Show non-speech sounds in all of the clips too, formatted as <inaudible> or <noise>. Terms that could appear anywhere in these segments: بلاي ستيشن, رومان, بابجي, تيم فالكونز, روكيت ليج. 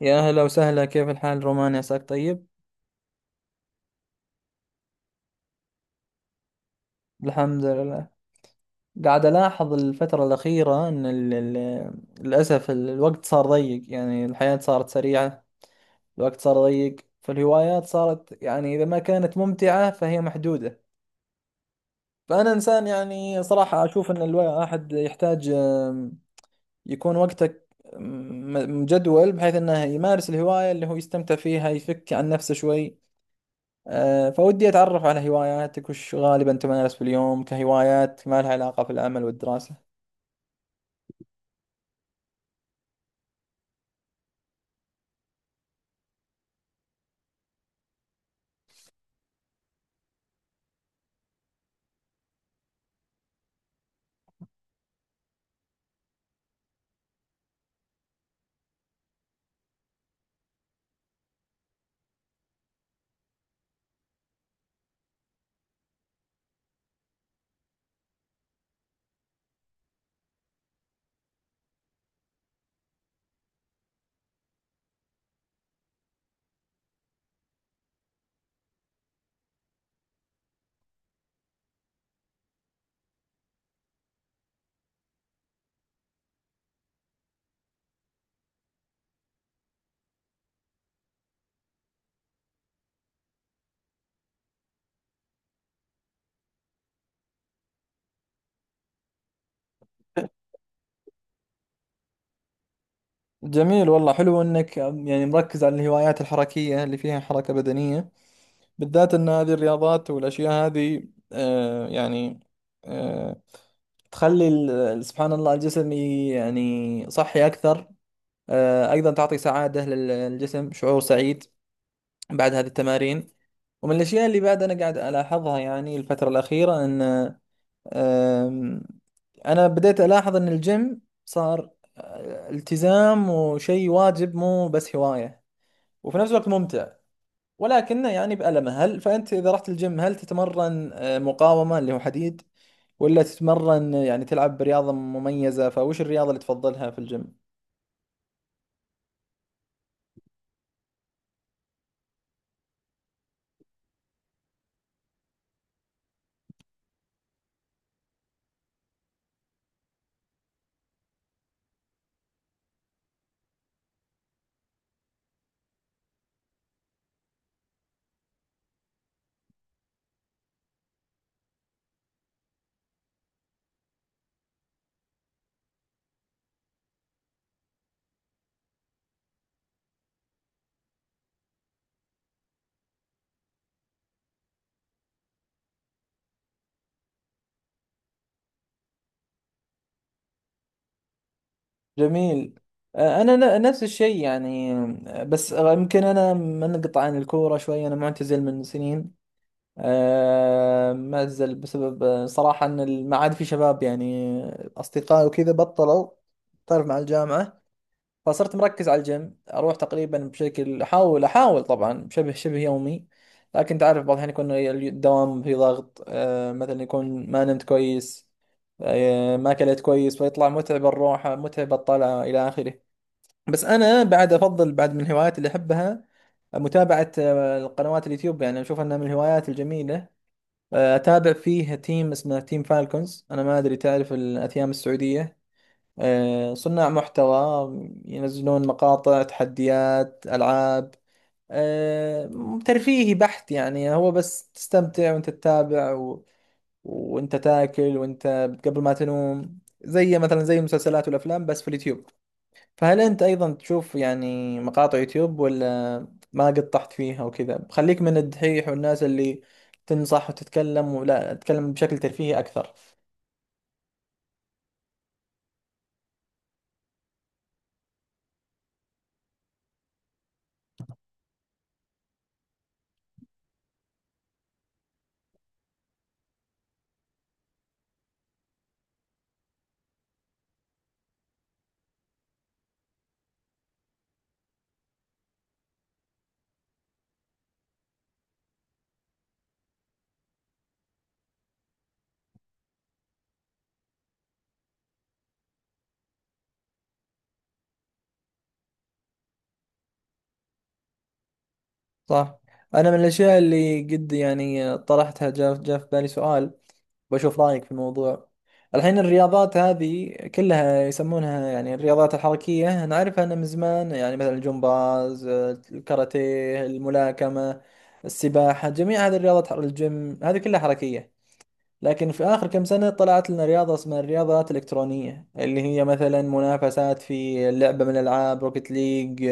يا أهلا وسهلا، كيف الحال رومان، عساك طيب؟ الحمد لله. قاعد ألاحظ الفترة الأخيرة أن للأسف الوقت صار ضيق، يعني الحياة صارت سريعة، الوقت صار ضيق، فالهوايات صارت يعني إذا ما كانت ممتعة فهي محدودة. فأنا إنسان يعني صراحة أشوف أن الواحد يحتاج، يكون وقتك مجدول بحيث أنه يمارس الهواية اللي هو يستمتع فيها، يفك عن نفسه شوي. فودي أتعرف على هواياتك، وش غالبا تمارس في اليوم كهوايات ما لها علاقة في العمل والدراسة؟ جميل والله، حلو إنك يعني مركز على الهوايات الحركية اللي فيها حركة بدنية، بالذات إن هذه الرياضات والأشياء هذه آه، يعني آه، تخلي سبحان الله الجسم يعني صحي أكثر. أيضا تعطي سعادة للجسم، شعور سعيد بعد هذه التمارين. ومن الأشياء اللي بعد أنا قاعد ألاحظها يعني الفترة الأخيرة، أن أم، أنا بديت ألاحظ إن الجيم صار التزام وشيء واجب، مو بس هواية، وفي نفس الوقت ممتع، ولكنه يعني بألمه. هل فأنت إذا رحت الجيم هل تتمرن مقاومة اللي هو حديد، ولا تتمرن يعني تلعب برياضة مميزة؟ فوش الرياضة اللي تفضلها في الجيم؟ جميل. أنا نفس الشيء يعني. أه، بس آه، يمكن أنا منقطع عن الكورة شوي، أنا معتزل من سنين. مأزل بسبب صراحة إن ما عاد في شباب، يعني أصدقائي وكذا بطلوا، تعرف مع الجامعة. فصرت مركز على الجيم، أروح تقريبا بشكل أحاول طبعا بشبه يومي. لكن تعرف بعض الأحيان يكون الدوام في ضغط، مثلا يكون ما نمت كويس، ما أكلت كويس، فيطلع متعب الروحة، متعب الطلعة، إلى آخره. بس أنا بعد أفضل بعد من الهوايات اللي أحبها متابعة القنوات اليوتيوب، يعني أشوف أنها من الهوايات الجميلة. اتابع فيه تيم اسمه تيم فالكونز، انا ما ادري تعرف الاثيام السعوديه؟ صناع محتوى، ينزلون مقاطع تحديات العاب، أه، ترفيهي بحت، يعني هو بس تستمتع وانت تتابع وانت تاكل، وانت قبل ما تنوم، زي مثلا زي المسلسلات والافلام بس في اليوتيوب. فهل أنت أيضا تشوف يعني مقاطع يوتيوب ولا ما قد طحت فيها وكذا؟ خليك من الدحيح والناس اللي تنصح وتتكلم، ولا تتكلم بشكل ترفيهي أكثر؟ صح. أنا من الأشياء اللي قد يعني طرحتها، جاء في بالي سؤال، بشوف رأيك في الموضوع. الحين الرياضات هذه كلها يسمونها يعني الرياضات الحركية، نعرفها أنا من زمان، يعني مثلا الجمباز، الكاراتيه، الملاكمة، السباحة، جميع هذه الرياضات، الجيم، هذه كلها حركية. لكن في آخر كم سنة طلعت لنا رياضة اسمها الرياضات الإلكترونية، اللي هي مثلا منافسات في لعبة من الألعاب، روكيت ليج،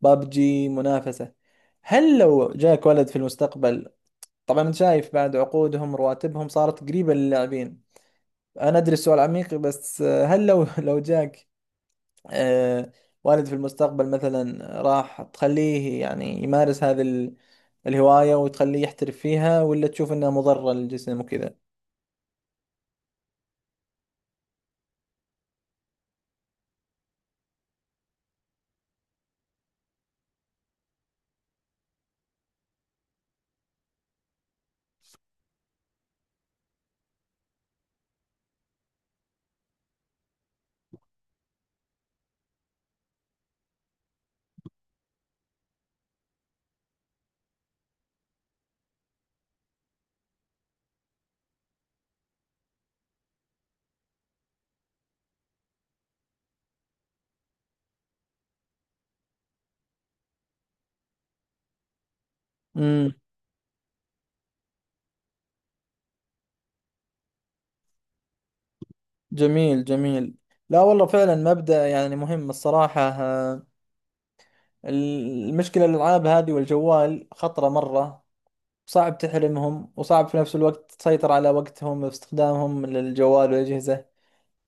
بابجي، منافسة. هل لو جاك ولد في المستقبل، طبعا أنت شايف بعد عقودهم، رواتبهم صارت قريبة للاعبين، أنا أدري السؤال عميق، بس هل لو <laughs> لو جاك آه، والد في المستقبل، مثلا راح تخليه يعني يمارس هذه الهواية وتخليه يحترف فيها، ولا تشوف أنها مضرة للجسم وكذا؟ جميل جميل. لا والله، فعلا مبدأ يعني مهم الصراحة. المشكلة الألعاب هذه والجوال خطرة مرة، صعب تحرمهم، وصعب في نفس الوقت تسيطر على وقتهم في استخدامهم للجوال والأجهزة.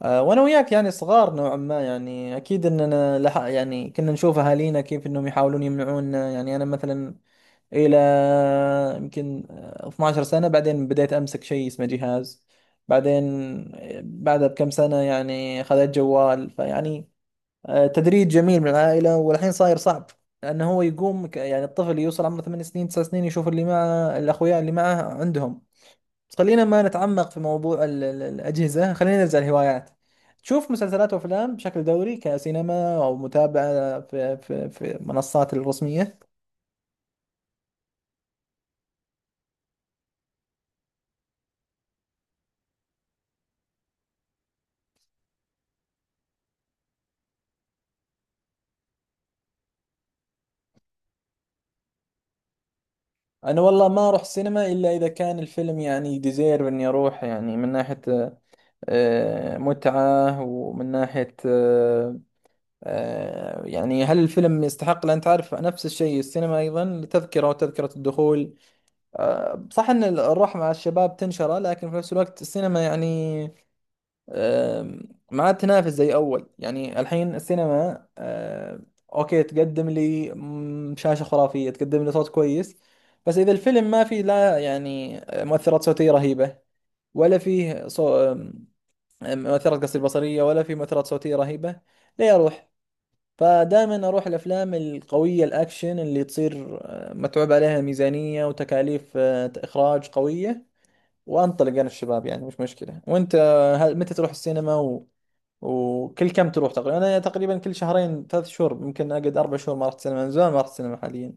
وأنا وياك يعني صغار نوعا ما، يعني أكيد أننا لح يعني كنا نشوف أهالينا كيف أنهم يحاولون يمنعونا، يعني أنا مثلا الى يمكن 12 سنة بعدين بديت امسك شيء اسمه جهاز، بعدين بعدها بكم سنة يعني خذيت جوال، فيعني تدريج جميل من العائلة. والحين صاير صعب، لانه هو يقوم يعني الطفل يوصل عمره 8 سنين، 9 سنين، يشوف اللي معه الاخويا اللي معه عندهم. بس خلينا ما نتعمق في موضوع الاجهزة، خلينا نرجع للهوايات. تشوف مسلسلات وافلام بشكل دوري كسينما او متابعة في منصات الرسمية؟ انا والله ما اروح سينما الا اذا كان الفيلم يعني ديزيرف اني اروح، يعني من ناحية متعة، ومن ناحية يعني هل الفيلم يستحق. لان تعرف نفس الشيء السينما ايضا تذكرة، وتذكرة الدخول صح ان الروح مع الشباب تنشره، لكن في نفس الوقت السينما يعني آم، ما عاد تنافس زي اول. يعني الحين السينما اوكي تقدم لي شاشة خرافية، تقدم لي صوت كويس، بس اذا الفيلم ما في لا يعني مؤثرات صوتية رهيبة، ولا فيه صو... آم، مؤثرات قصدي بصرية، ولا فيه مؤثرات صوتية رهيبة، ليه اروح؟ فدائما اروح الافلام القوية، الاكشن اللي تصير متعوب عليها، ميزانية وتكاليف اخراج قوية، وانطلق انا الشباب يعني مش مشكلة. وانت متى تروح السينما؟ وكل كم تروح تقريبا؟ انا تقريبا كل شهرين، ثلاث شهور، يمكن اقعد اربع شهور ما رحت سينما، من زمان ما رحت سينما حاليا.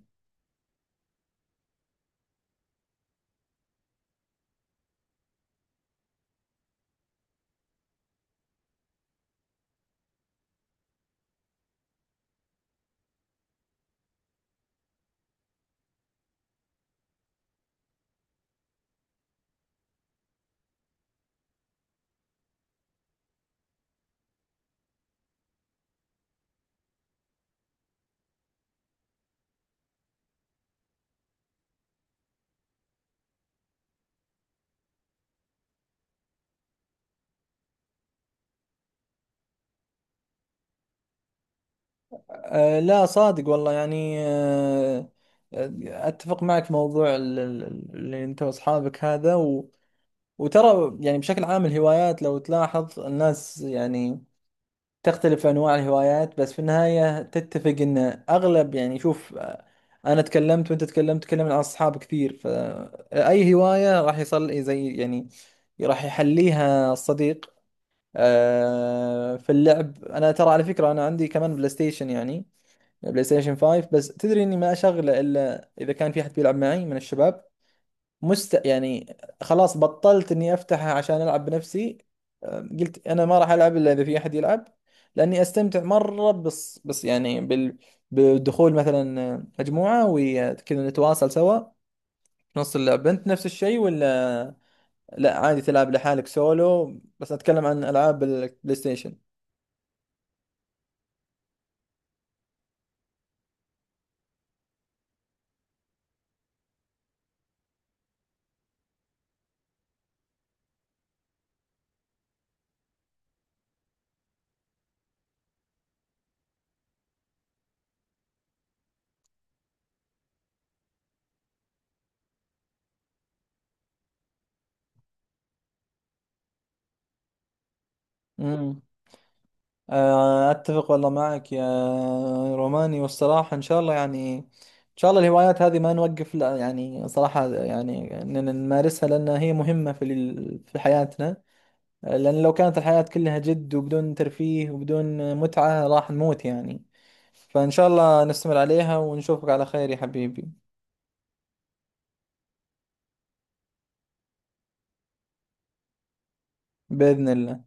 أه لا، صادق والله، يعني أه آه، اتفق معك في موضوع اللي انت واصحابك هذا وترى يعني بشكل عام الهوايات لو تلاحظ الناس يعني تختلف أنواع الهوايات، بس في النهاية تتفق إن أغلب، يعني شوف أنا تكلمت وأنت تكلمت، تكلمنا عن أصحاب كثير، فأي هواية راح يصل زي يعني راح يحليها الصديق. في اللعب، أنا ترى على فكرة أنا عندي كمان بلاي ستيشن، يعني بلاي ستيشن 5، بس تدري إني ما أشغله إلا إذا كان في أحد بيلعب معي من الشباب مست يعني. خلاص بطلت اني افتحها عشان العب بنفسي. قلت انا ما راح العب الا اذا في احد يلعب، لاني استمتع مره. بس يعني بدخول مثلا مجموعه وكذا نتواصل سوا في نص اللعبه. انت نفس الشيء، ولا لا عادي تلعب لحالك سولو؟ بس اتكلم عن العاب البلاي ستيشن. أتفق والله معك يا روماني، والصراحة إن شاء الله، يعني إن شاء الله الهوايات هذه ما نوقف، لا يعني صراحة يعني إننا نمارسها لأنها هي مهمة في في حياتنا، لأن لو كانت الحياة كلها جد وبدون ترفيه وبدون متعة راح نموت يعني. فإن شاء الله نستمر عليها، ونشوفك على خير يا حبيبي. بإذن الله.